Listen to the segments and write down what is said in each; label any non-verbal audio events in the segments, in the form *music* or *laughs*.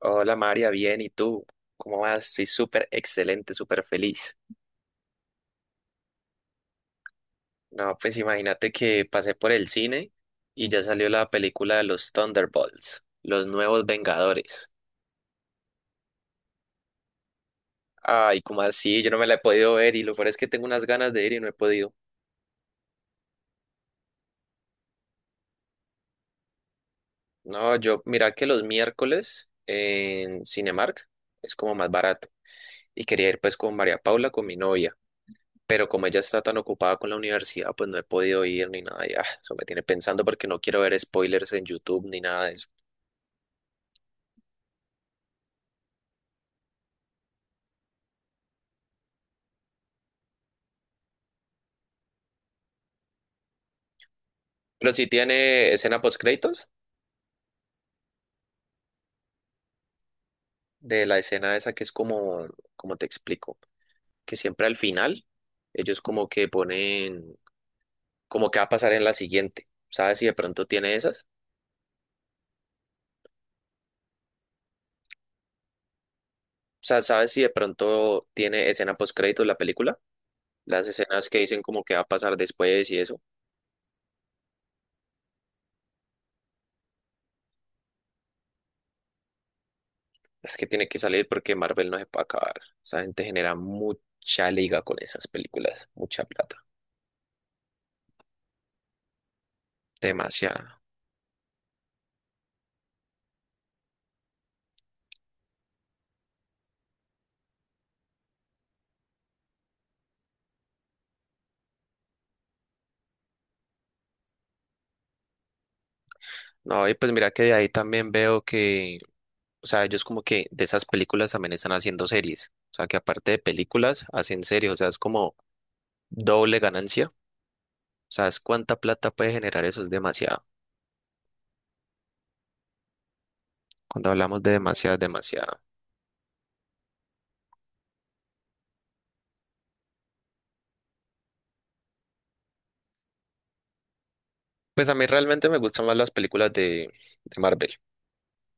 Hola María, bien, ¿y tú? ¿Cómo vas? Soy súper excelente, súper feliz. No, pues imagínate que pasé por el cine y ya salió la película de los Thunderbolts, los nuevos Vengadores. Ay, ¿cómo así? Yo no me la he podido ver y lo peor es que tengo unas ganas de ir y no he podido. No, yo, mira que los miércoles en Cinemark es como más barato y quería ir pues con María Paula, con mi novia. Pero como ella está tan ocupada con la universidad, pues no he podido ir ni nada. Ya, eso me tiene pensando porque no quiero ver spoilers en YouTube ni nada de eso. Pero sí tiene escena post créditos de la escena esa que es como, como te explico, que siempre al final ellos como que ponen como que va a pasar en la siguiente. ¿Sabes si de pronto tiene esas? O sea, ¿sabes si de pronto tiene escena post créditos la película? Las escenas que dicen como que va a pasar después y eso. Es que tiene que salir porque Marvel no se puede acabar. Esa gente genera mucha liga con esas películas, mucha plata, demasiada. No, y pues mira que de ahí también veo que, o sea, ellos como que de esas películas también están haciendo series. O sea, que aparte de películas, hacen series. O sea, es como doble ganancia. ¿Sabes cuánta plata puede generar eso? Es demasiado. Cuando hablamos de demasiado, es demasiado. Pues a mí realmente me gustan más las películas de Marvel,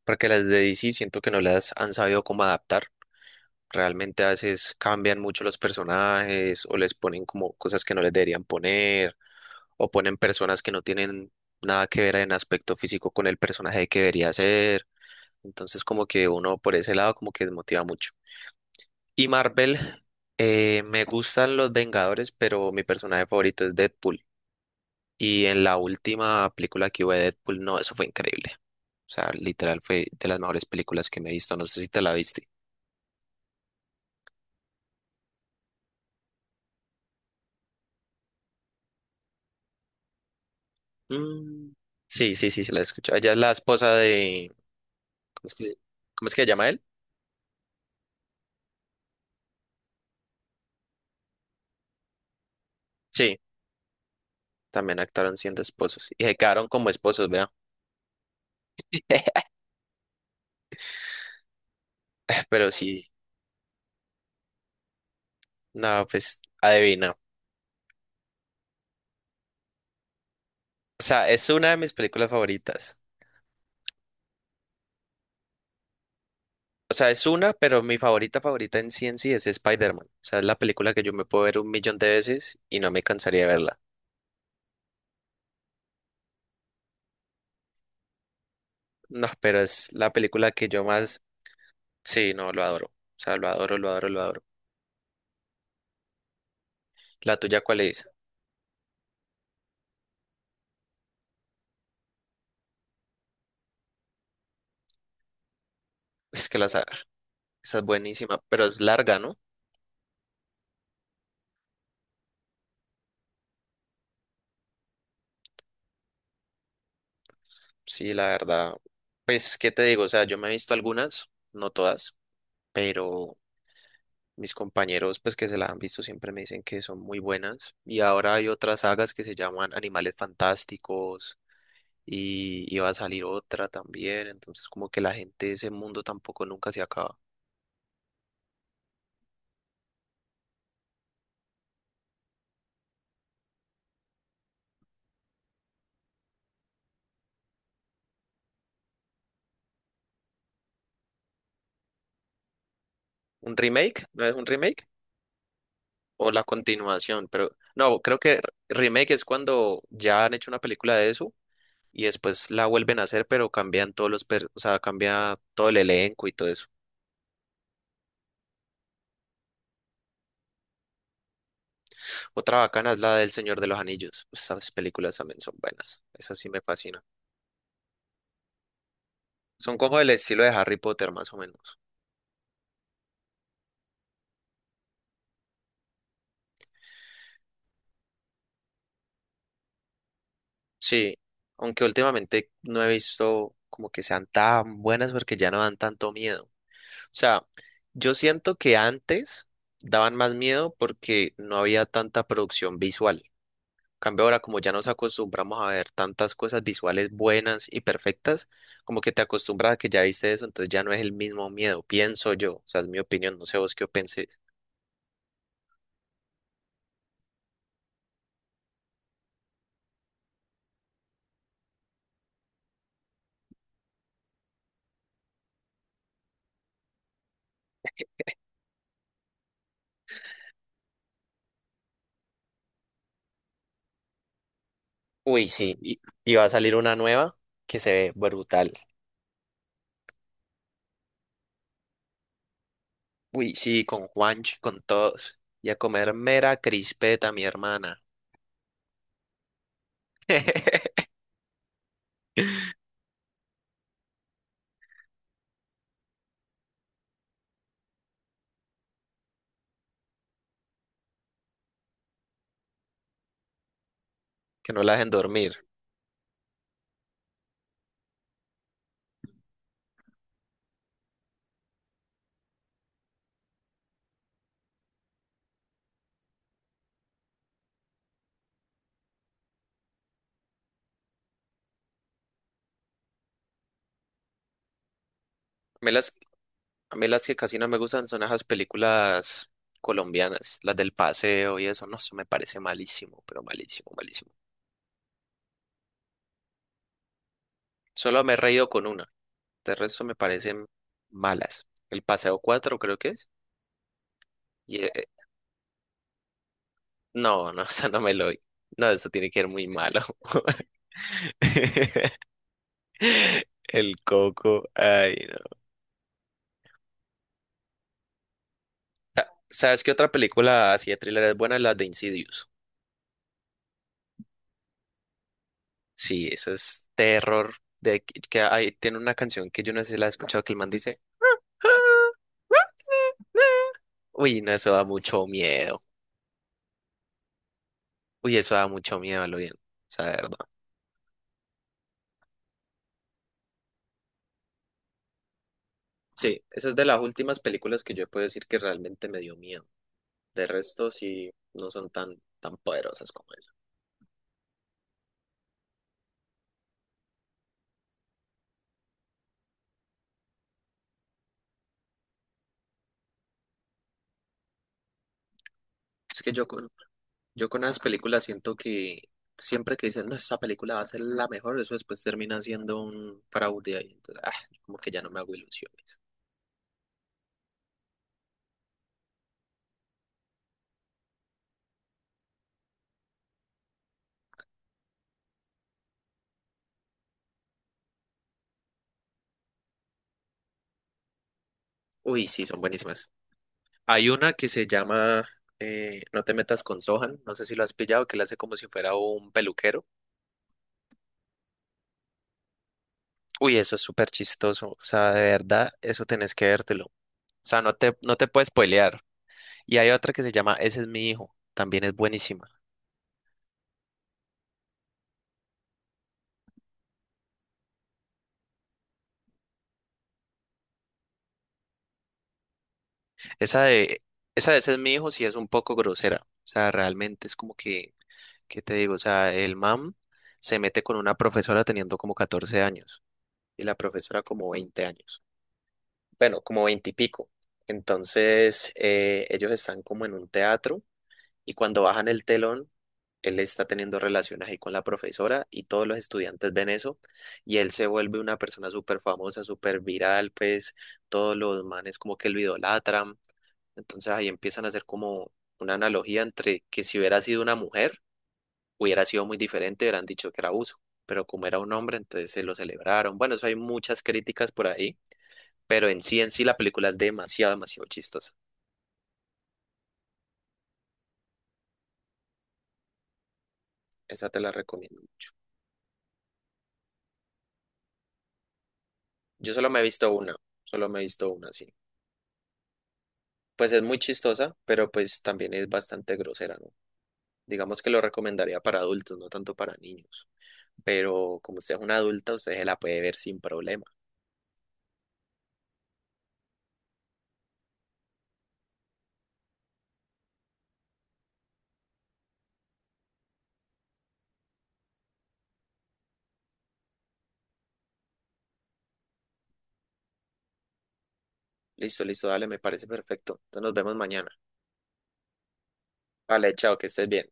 porque las de DC siento que no las han sabido cómo adaptar. Realmente a veces cambian mucho los personajes o les ponen como cosas que no les deberían poner o ponen personas que no tienen nada que ver en aspecto físico con el personaje que debería ser. Entonces como que uno por ese lado como que desmotiva mucho. Y Marvel, me gustan los Vengadores, pero mi personaje favorito es Deadpool. Y en la última película que hubo de Deadpool, no, eso fue increíble. O sea, literal fue de las mejores películas que me he visto. No sé si te la viste. Mm, sí, sí, sí, se la he escuchado. Ella es la esposa de... ¿Cómo es cómo es que se llama él? Sí, también actuaron siendo esposos. Y se quedaron como esposos, vea. *laughs* Pero sí, no, pues adivina. O sea, es una de mis películas favoritas. O sea, es una, pero mi favorita favorita en sí es Spider-Man. O sea, es la película que yo me puedo ver un millón de veces y no me cansaría de verla. No, pero es la película que yo más... Sí, no, lo adoro. O sea, lo adoro, lo adoro, lo adoro. ¿La tuya cuál es? Es que la sa- esa es buenísima, pero es larga, ¿no? Sí, la verdad. Pues, ¿qué te digo? O sea, yo me he visto algunas, no todas, pero mis compañeros, pues que se la han visto, siempre me dicen que son muy buenas. Y ahora hay otras sagas que se llaman Animales Fantásticos y iba a salir otra también. Entonces, como que la gente de ese mundo tampoco nunca se acaba. ¿Un remake? ¿No es un remake? ¿O la continuación? Pero no, creo que remake es cuando ya han hecho una película de eso y después la vuelven a hacer, pero cambian todos los, per- o sea, cambia todo el elenco y todo eso. Otra bacana es la del Señor de los Anillos. Esas películas también son buenas. Esas sí me fascinan. Son como el estilo de Harry Potter, más o menos. Sí, aunque últimamente no he visto como que sean tan buenas porque ya no dan tanto miedo. O sea, yo siento que antes daban más miedo porque no había tanta producción visual. Cambio ahora, como ya nos acostumbramos a ver tantas cosas visuales buenas y perfectas, como que te acostumbras a que ya viste eso, entonces ya no es el mismo miedo, pienso yo, o sea, es mi opinión, no sé vos qué penséis. Uy, sí, y va a salir una nueva que se ve brutal. Uy, sí, con Juanchi, con todos. Y a comer mera crispeta, mi hermana. *laughs* Que no la dejen dormir. A mí a mí las que casi no me gustan son esas películas colombianas, las del paseo y eso, no, eso me parece malísimo, pero malísimo, malísimo. Solo me he reído con una. De resto me parecen malas. El paseo 4, creo que es. Y, no, *laughs* eso no me lo vi. No, eso tiene que ser muy malo. *laughs* El coco. Ay, no. Ah, ¿sabes qué otra película así de thriller es buena? La de Insidious. Sí, eso es terror. De que hay, tiene una canción que yo no sé si la he escuchado que el man dice. "Ah". Uy, no, eso da mucho miedo. Uy, eso da mucho miedo, a lo bien. O sea, de verdad. Sí, esa es de las últimas películas que yo puedo decir que realmente me dio miedo. De resto, sí, no son tan poderosas como esa. Es que yo yo con esas películas siento que siempre que dicen, no, esta película va a ser la mejor, eso después termina siendo un fraude ahí. Entonces, como que ya no me hago ilusiones. Uy, sí, son buenísimas. Hay una que se llama No te metas con Sohan, no sé si lo has pillado, que le hace como si fuera un peluquero. Uy, eso es súper chistoso. O sea, de verdad, eso tenés que vértelo. O sea, no no te puedes spoilear. Y hay otra que se llama Ese es mi hijo, también es buenísima. Esa de, esa de Ese es mi hijo sí es un poco grosera. O sea, realmente es como que, ¿qué te digo? O sea, el mam se mete con una profesora teniendo como 14 años y la profesora como 20 años. Bueno, como 20 y pico. Entonces, ellos están como en un teatro. Y cuando bajan el telón, él está teniendo relaciones ahí con la profesora y todos los estudiantes ven eso y él se vuelve una persona súper famosa, súper viral, pues todos los manes como que lo idolatran. Entonces ahí empiezan a hacer como una analogía entre que si hubiera sido una mujer, hubiera sido muy diferente, hubieran dicho que era abuso, pero como era un hombre, entonces se lo celebraron. Bueno, eso hay muchas críticas por ahí, pero en sí la película es demasiado, demasiado chistosa. Esa te la recomiendo. Yo solo me he visto una, Solo me he visto una, sí. Pues es muy chistosa, pero pues también es bastante grosera, ¿no? Digamos que lo recomendaría para adultos, no tanto para niños. Pero como usted es una adulta, usted se la puede ver sin problema. Listo, listo, dale, me parece perfecto. Entonces nos vemos mañana. Vale, chao, que estés bien.